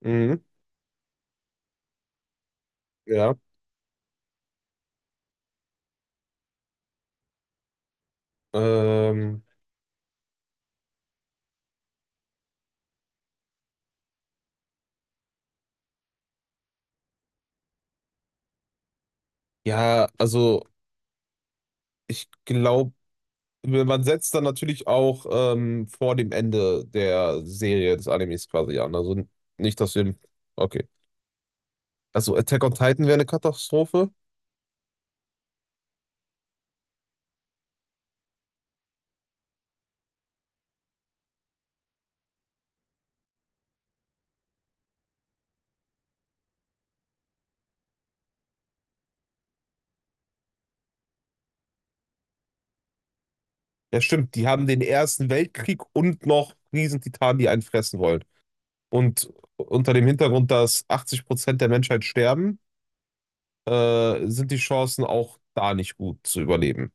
Mhm, ja. Ähm, ja, also ich glaube, man setzt dann natürlich auch vor dem Ende der Serie des Animes quasi an. Also nicht, dass wir. Okay. Also Attack on Titan wäre eine Katastrophe. Ja, stimmt. Die haben den Ersten Weltkrieg und noch Riesentitanen, die einen fressen wollen. Und unter dem Hintergrund, dass 80% der Menschheit sterben, sind die Chancen auch da nicht gut zu überleben.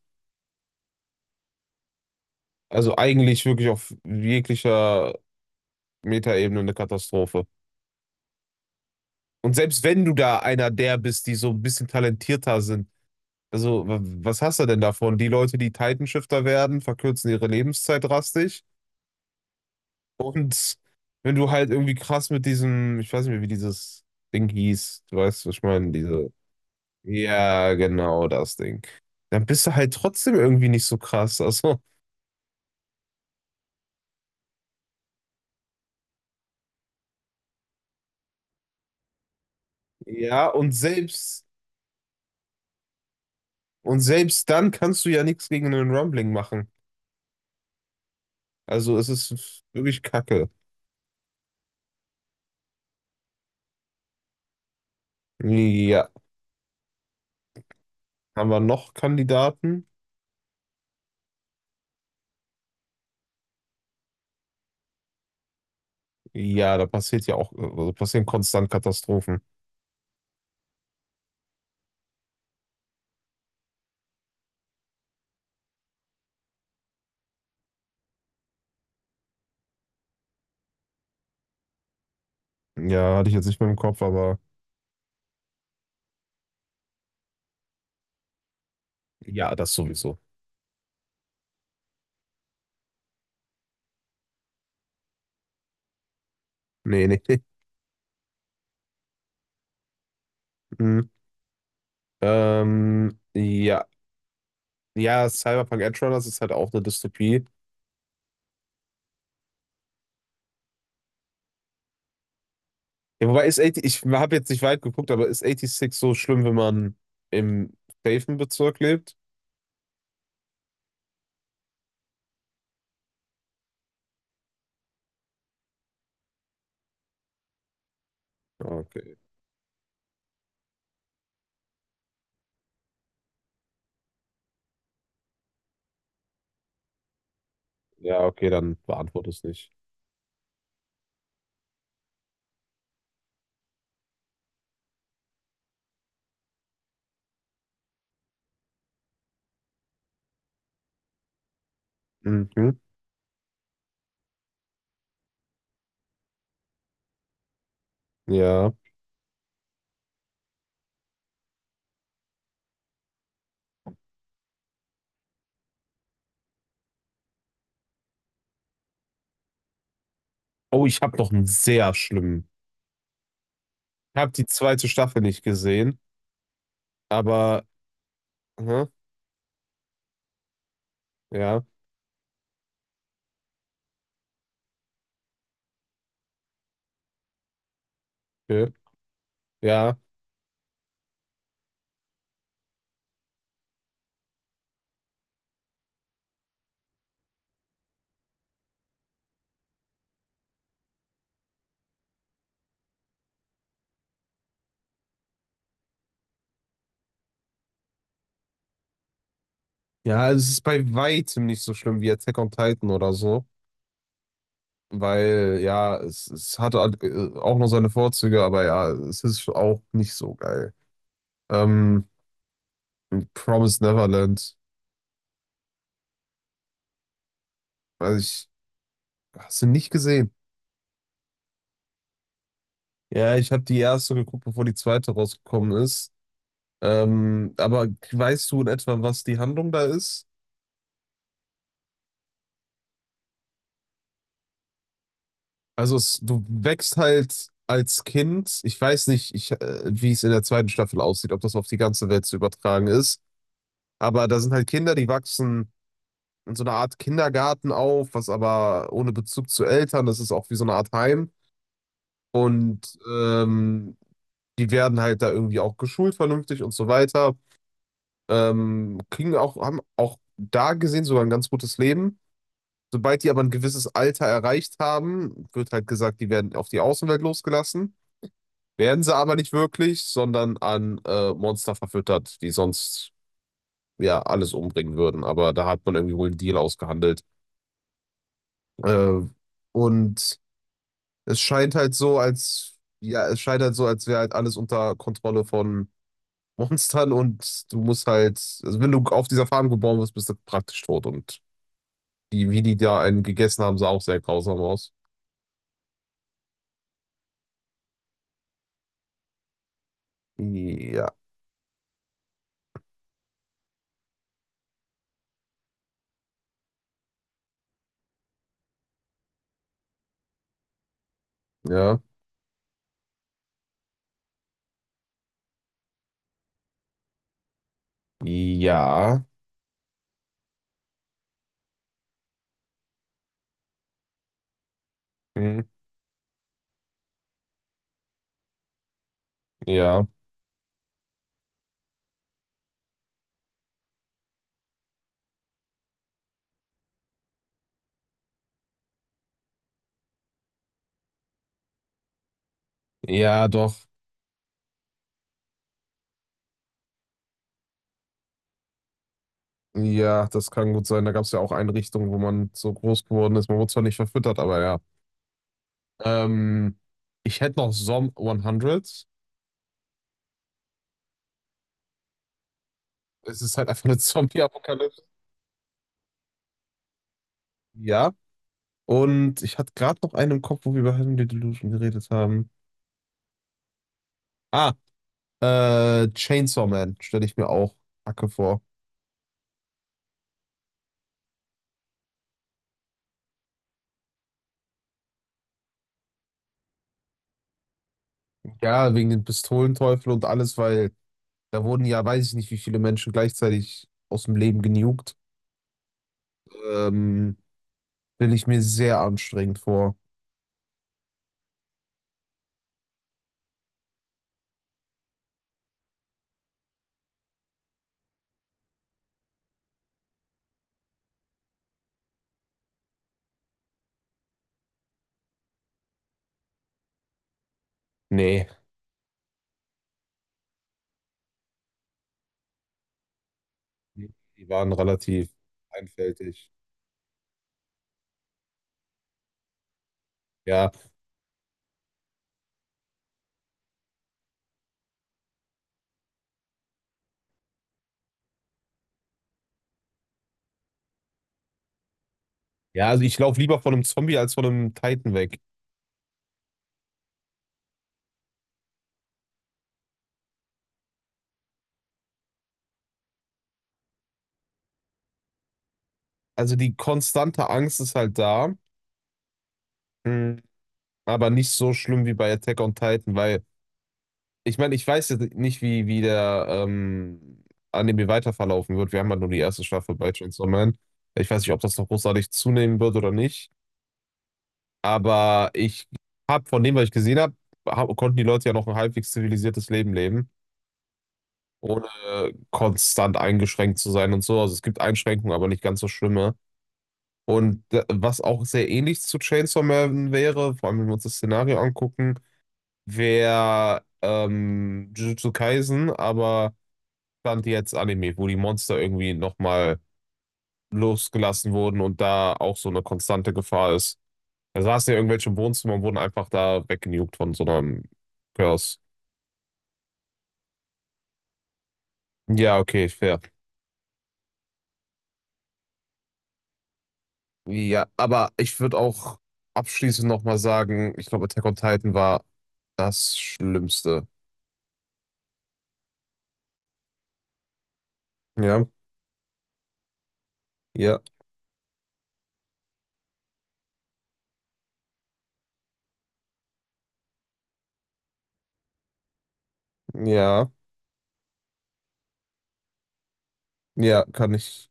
Also eigentlich wirklich auf jeglicher Metaebene eine Katastrophe. Und selbst wenn du da einer der bist, die so ein bisschen talentierter sind, also was hast du denn davon? Die Leute, die Titanshifter werden, verkürzen ihre Lebenszeit drastisch. Und wenn du halt irgendwie krass mit diesem, ich weiß nicht mehr, wie dieses Ding hieß, du weißt, was ich meine, diese, ja, genau das Ding. Dann bist du halt trotzdem irgendwie nicht so krass. Also, ja, und selbst dann kannst du ja nichts gegen einen Rumbling machen. Also, es ist wirklich Kacke. Ja. Haben wir noch Kandidaten? Ja, da passiert ja auch, also passieren konstant Katastrophen. Ja, hatte ich jetzt nicht mehr im Kopf, aber ja, das sowieso. Nee, nee. Hm. Ja. Ja, Cyberpunk Edgerunners ist halt auch eine Dystopie. Ja, wobei ist 80, ich habe jetzt nicht weit geguckt, aber ist 86 so schlimm, wenn man im safen Bezirk lebt? Okay. Ja, okay, dann beantworte es nicht. Mhm. Ja. Oh, ich habe noch einen sehr schlimmen. Ich habe die zweite Staffel nicht gesehen, aber. Hä? Ja, okay. Ja. Ja, es ist bei weitem nicht so schlimm wie Attack on Titan oder so. Weil, ja, es hatte auch noch seine Vorzüge, aber ja, es ist auch nicht so geil. Ähm, Promised Neverland. Weiß ich, hast du nicht gesehen? Ja, ich habe die erste geguckt, bevor die zweite rausgekommen ist. Aber weißt du in etwa, was die Handlung da ist? Also es, du wächst halt als Kind, ich weiß nicht, ich, wie es in der zweiten Staffel aussieht, ob das auf die ganze Welt zu übertragen ist, aber da sind halt Kinder, die wachsen in so einer Art Kindergarten auf, was aber ohne Bezug zu Eltern, das ist auch wie so eine Art Heim und die werden halt da irgendwie auch geschult vernünftig und so weiter, kriegen auch, haben auch da gesehen sogar ein ganz gutes Leben. Sobald die aber ein gewisses Alter erreicht haben, wird halt gesagt, die werden auf die Außenwelt losgelassen. Werden sie aber nicht wirklich, sondern an Monster verfüttert, die sonst ja alles umbringen würden. Aber da hat man irgendwie wohl einen Deal ausgehandelt. Äh, und es scheint halt so, als ja, es scheint halt so, als wäre halt alles unter Kontrolle von Monstern und du musst halt, also wenn du auf dieser Farm geboren wirst, bist du praktisch tot. Und die, wie die da einen gegessen haben, sah auch sehr grausam aus. Ja, ja, ja, hm, ja, ja, doch. Ja, das kann gut sein. Da gab es ja auch Einrichtungen, wo man so groß geworden ist. Man wurde zwar nicht verfüttert, aber ja. Ähm, ich hätte noch Zom 100. Es ist halt einfach eine Zombie-Apokalypse. Ja. Und ich hatte gerade noch einen im Kopf, wo wir über Heavenly Delusion geredet haben. Ah, Chainsaw Man stelle ich mir auch Hacke vor. Ja, wegen den Pistolenteufel und alles, weil da wurden ja, weiß ich nicht, wie viele Menschen gleichzeitig aus dem Leben genugt. Ähm, stelle ich mir sehr anstrengend vor. Nee. Die waren relativ einfältig. Ja, ja, also ich laufe lieber von einem Zombie als von einem Titan weg. Also die konstante Angst ist halt da, mm, aber nicht so schlimm wie bei Attack on Titan, weil ich meine, ich weiß jetzt nicht, wie, wie der Anime weiter verlaufen wird. Wir haben halt nur die erste Staffel bei Chainsaw Man. Ich weiß nicht, ob das noch großartig zunehmen wird oder nicht, aber ich habe von dem, was ich gesehen habe, hab, konnten die Leute ja noch ein halbwegs zivilisiertes Leben leben ohne konstant eingeschränkt zu sein und so. Also es gibt Einschränkungen, aber nicht ganz so schlimme. Und was auch sehr ähnlich zu Chainsaw Man wäre, vor allem wenn wir uns das Szenario angucken, wäre Jujutsu Kaisen, aber stand jetzt Anime, wo die Monster irgendwie nochmal losgelassen wurden und da auch so eine konstante Gefahr ist. Da saßen ja irgendwelche im Wohnzimmer und wurden einfach da weggenugt von so einem Curse. Ja, okay, fair. Ja, aber ich würde auch abschließend nochmal sagen, ich glaube, Attack on Titan war das Schlimmste. Ja, ja, ja, ja, kann ich,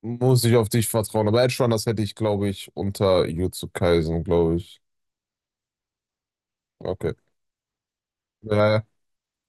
muss ich auf dich vertrauen. Aber Edge Runners hätte ich, glaube ich, unter Jujutsu Kaisen, glaube ich. Okay. Ja, ja.